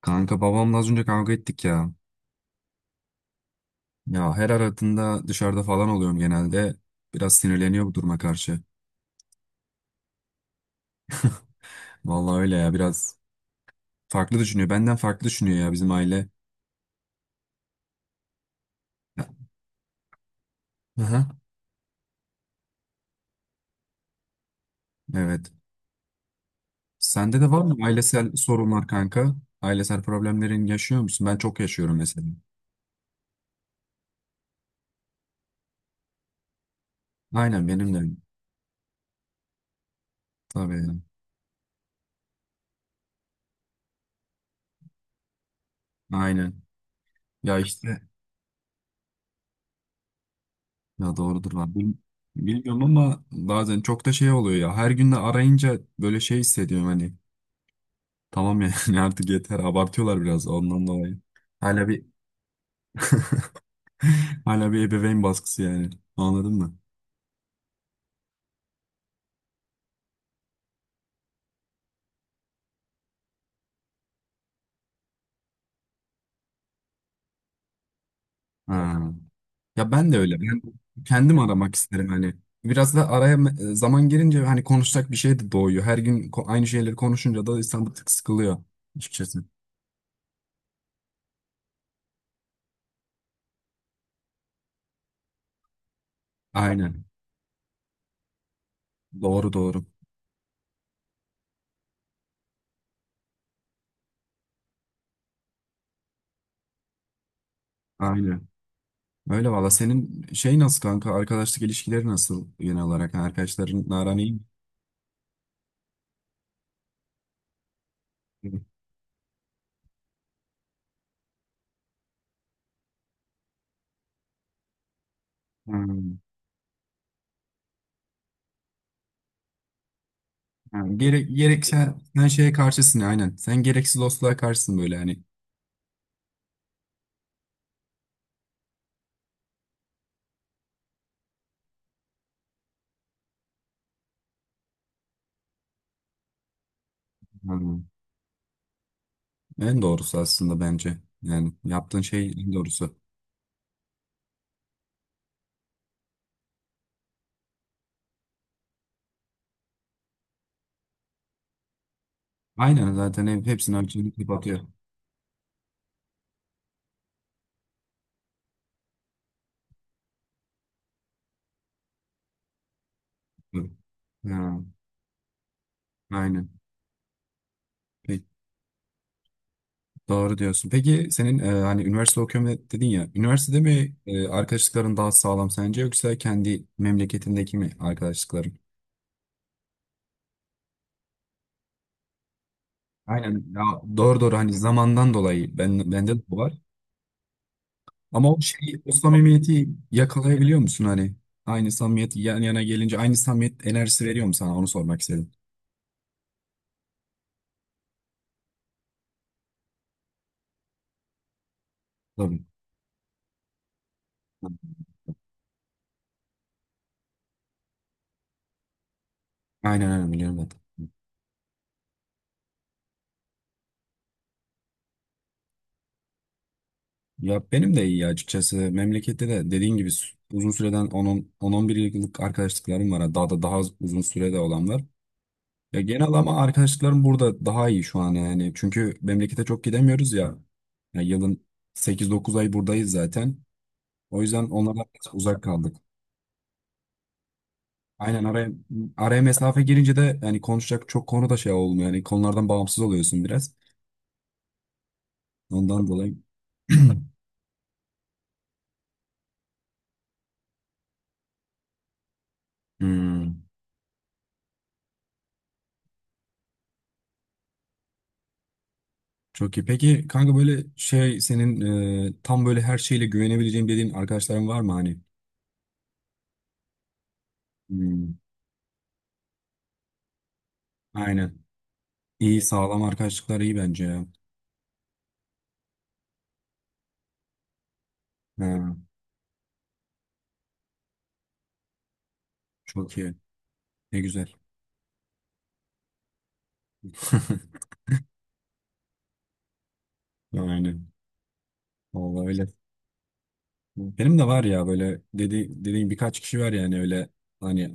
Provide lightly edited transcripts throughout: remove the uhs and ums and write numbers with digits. Kanka babamla az önce kavga ettik ya. Ya her aradığında dışarıda falan oluyorum genelde. Biraz sinirleniyor bu duruma karşı. Vallahi öyle ya biraz farklı düşünüyor. Benden farklı düşünüyor ya bizim aile. Aha. Evet. Sende de var mı ailesel sorunlar kanka? Ailesel problemlerin yaşıyor musun? Ben çok yaşıyorum mesela. Aynen benim de. Tabii. Aynen. Ya işte. Ya doğrudur lan. Bilmiyorum ama bazen çok da şey oluyor ya. Her gün de arayınca böyle şey hissediyorum hani. Tamam yani artık yeter abartıyorlar biraz ondan dolayı. Hala bir hala bir ebeveyn baskısı yani. Anladın mı? Ha. Ya ben de öyle. Ben kendim aramak isterim hani. Biraz da araya zaman girince hani konuşacak bir şey de doğuyor. Her gün aynı şeyleri konuşunca da insan bir tık sıkılıyor açıkçası. Aynen. Doğru doğru. Aynen. Öyle valla. Senin şey nasıl kanka? Arkadaşlık ilişkileri nasıl genel olarak? Yani arkadaşların aran iyi mi? Hmm. Yani gerek sen şeye karşısın aynen. Sen gereksiz losluğa karşısın böyle hani. Hmm. En doğrusu aslında bence. Yani yaptığın şey en doğrusu. Aynen zaten hepsini harcayıp kapatıyor. Ha, aynen. Peki, doğru diyorsun. Peki senin hani üniversite okuyorum dedin ya. Üniversitede mi arkadaşlıkların daha sağlam sence yoksa kendi memleketindeki mi arkadaşlıkların? Aynen. Ya, doğru doğru hani zamandan dolayı ben bende de bu var. Ama o şeyi, o samimiyeti yakalayabiliyor musun hani? Aynı samimiyet yan yana gelince aynı samimiyet enerjisi veriyor mu sana? Onu sormak istedim. Tabii. Aynen aynen biliyorum zaten. Ya benim de iyi açıkçası. Memlekette de dediğin gibi uzun süreden on bir yıllık arkadaşlıklarım var. Yani daha da daha uzun sürede olan var. Ya genel ama arkadaşlıklarım burada daha iyi şu an yani. Çünkü memlekete çok gidemiyoruz ya. Ya yılın sekiz dokuz ay buradayız zaten. O yüzden onlardan biraz uzak kaldık. Aynen, araya mesafe girince de yani konuşacak çok konu da şey olmuyor. Yani konulardan bağımsız oluyorsun biraz. Ondan dolayı. Hmm, çok iyi. Peki kanka böyle şey senin tam böyle her şeyle güvenebileceğim dediğin arkadaşların var mı hani? Hmm, aynen. İyi sağlam arkadaşlıklar iyi bence ya. Ha, çok iyi. Ne güzel. Aynen. Vallahi öyle. Benim de var ya böyle dediğim birkaç kişi var yani öyle hani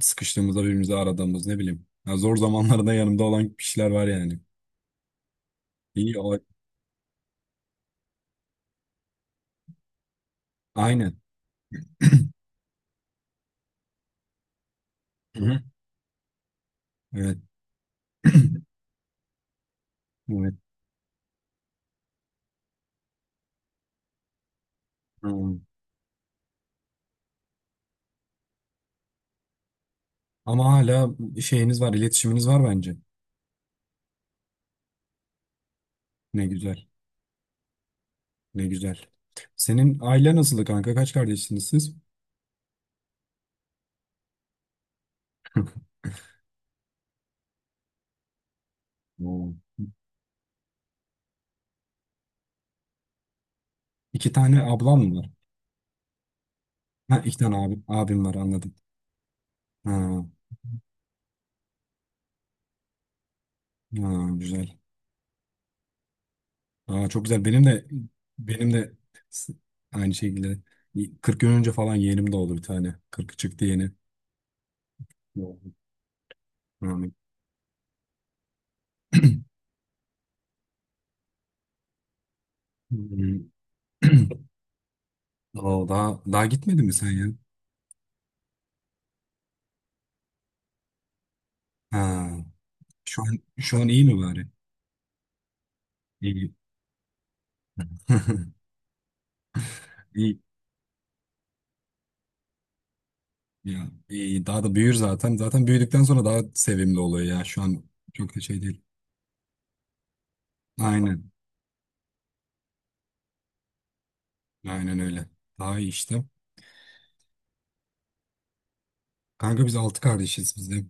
sıkıştığımızda birbirimizi aradığımız ne bileyim. Ya zor zamanlarda yanımda olan kişiler var yani. İyi o aynen. Hı hı. Evet. Evet. Hı. Ama hala şeyiniz var, iletişiminiz var bence. Ne güzel. Ne güzel. Senin aile nasıldı kanka? Kaç kardeşsiniz siz? Oo. İki tane ablam mı var? Ha, iki tane abim var anladım. Ha, ha, güzel. Aa, çok güzel. Benim de s- aynı şekilde 40 gün önce falan yeğenim doğdu bir tane. 40 çıktı yeni. Doğru. Yani- Hmm. Oo, daha gitmedin mi sen ya? Ha, şu an iyi mi bari? İyi. İyi. Ya, iyi. Daha da büyür zaten. Zaten büyüdükten sonra daha sevimli oluyor ya. Şu an çok da şey değil. Aynen. Aynen öyle. Daha iyi işte. Kanka biz 6 kardeşiz biz de.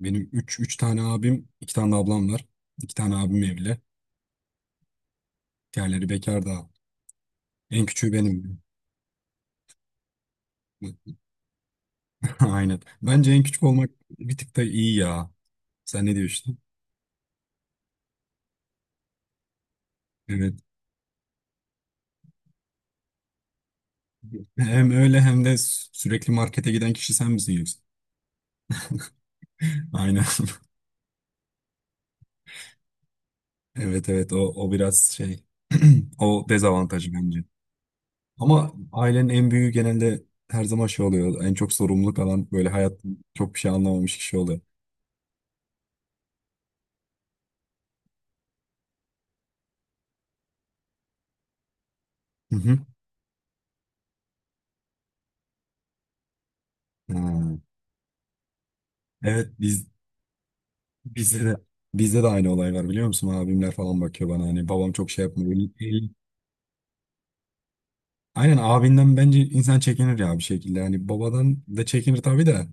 Benim üç tane abim, 2 tane de ablam var. 2 tane abim evli. Diğerleri bekar da. En küçüğü benim. Aynen. Bence en küçük olmak bir tık da iyi ya. Sen ne diyorsun? Evet. Hem öyle hem de sürekli markete giden kişi sen misin yoksa? Aynen. Evet evet o, o biraz şey. O dezavantajı bence. Ama ailenin en büyüğü genelde her zaman şey oluyor. En çok sorumluluk alan böyle hayattan çok bir şey anlamamış kişi oluyor. Hı hı. Ha. Evet biz Bizde de bizde de aynı olay var biliyor musun? Abimler falan bakıyor bana hani babam çok şey yapmıyor. Aynen abinden bence insan çekinir ya bir şekilde. Hani babadan da çekinir tabii de.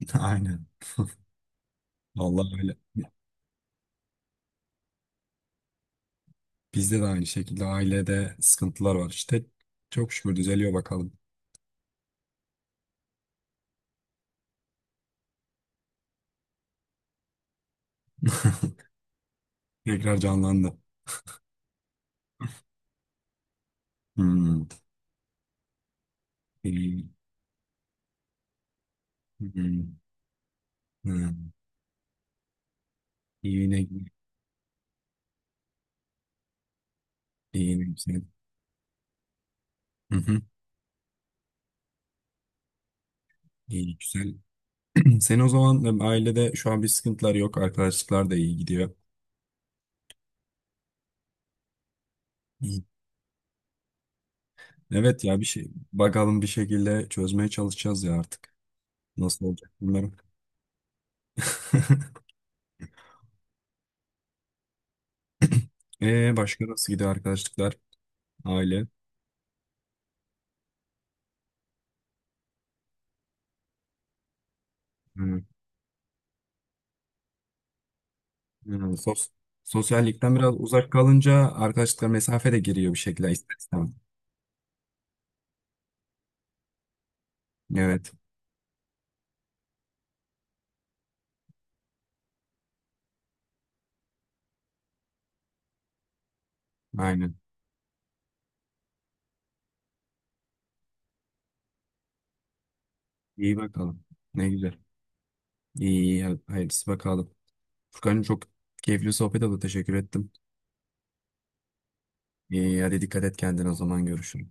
Aynen. Vallahi öyle. Bizde de aynı şekilde ailede sıkıntılar var. İşte çok şükür düzeliyor bakalım. Tekrar canlandı. Hmm. İyi. Hmm. Hmm. İyi ne iyi ne güzel. Hı hı. İyi güzel. Sen o zaman ailede şu an bir sıkıntılar yok. Arkadaşlıklar da iyi gidiyor. Evet ya bir şey bakalım bir şekilde çözmeye çalışacağız ya artık. Nasıl olacak bilmiyorum. Başka nasıl gidiyor arkadaşlıklar, aile? Hı. Hı, sosyallikten biraz uzak kalınca arkadaşlıklar mesafe de giriyor bir şekilde ister istemez. Evet, aynen. İyi bakalım. Ne güzel. İyi, iyi hadi hayırlısı bakalım. Furkan'cığım çok keyifli sohbet oldu. Teşekkür ettim. İyi, hadi dikkat et kendine o zaman görüşürüz.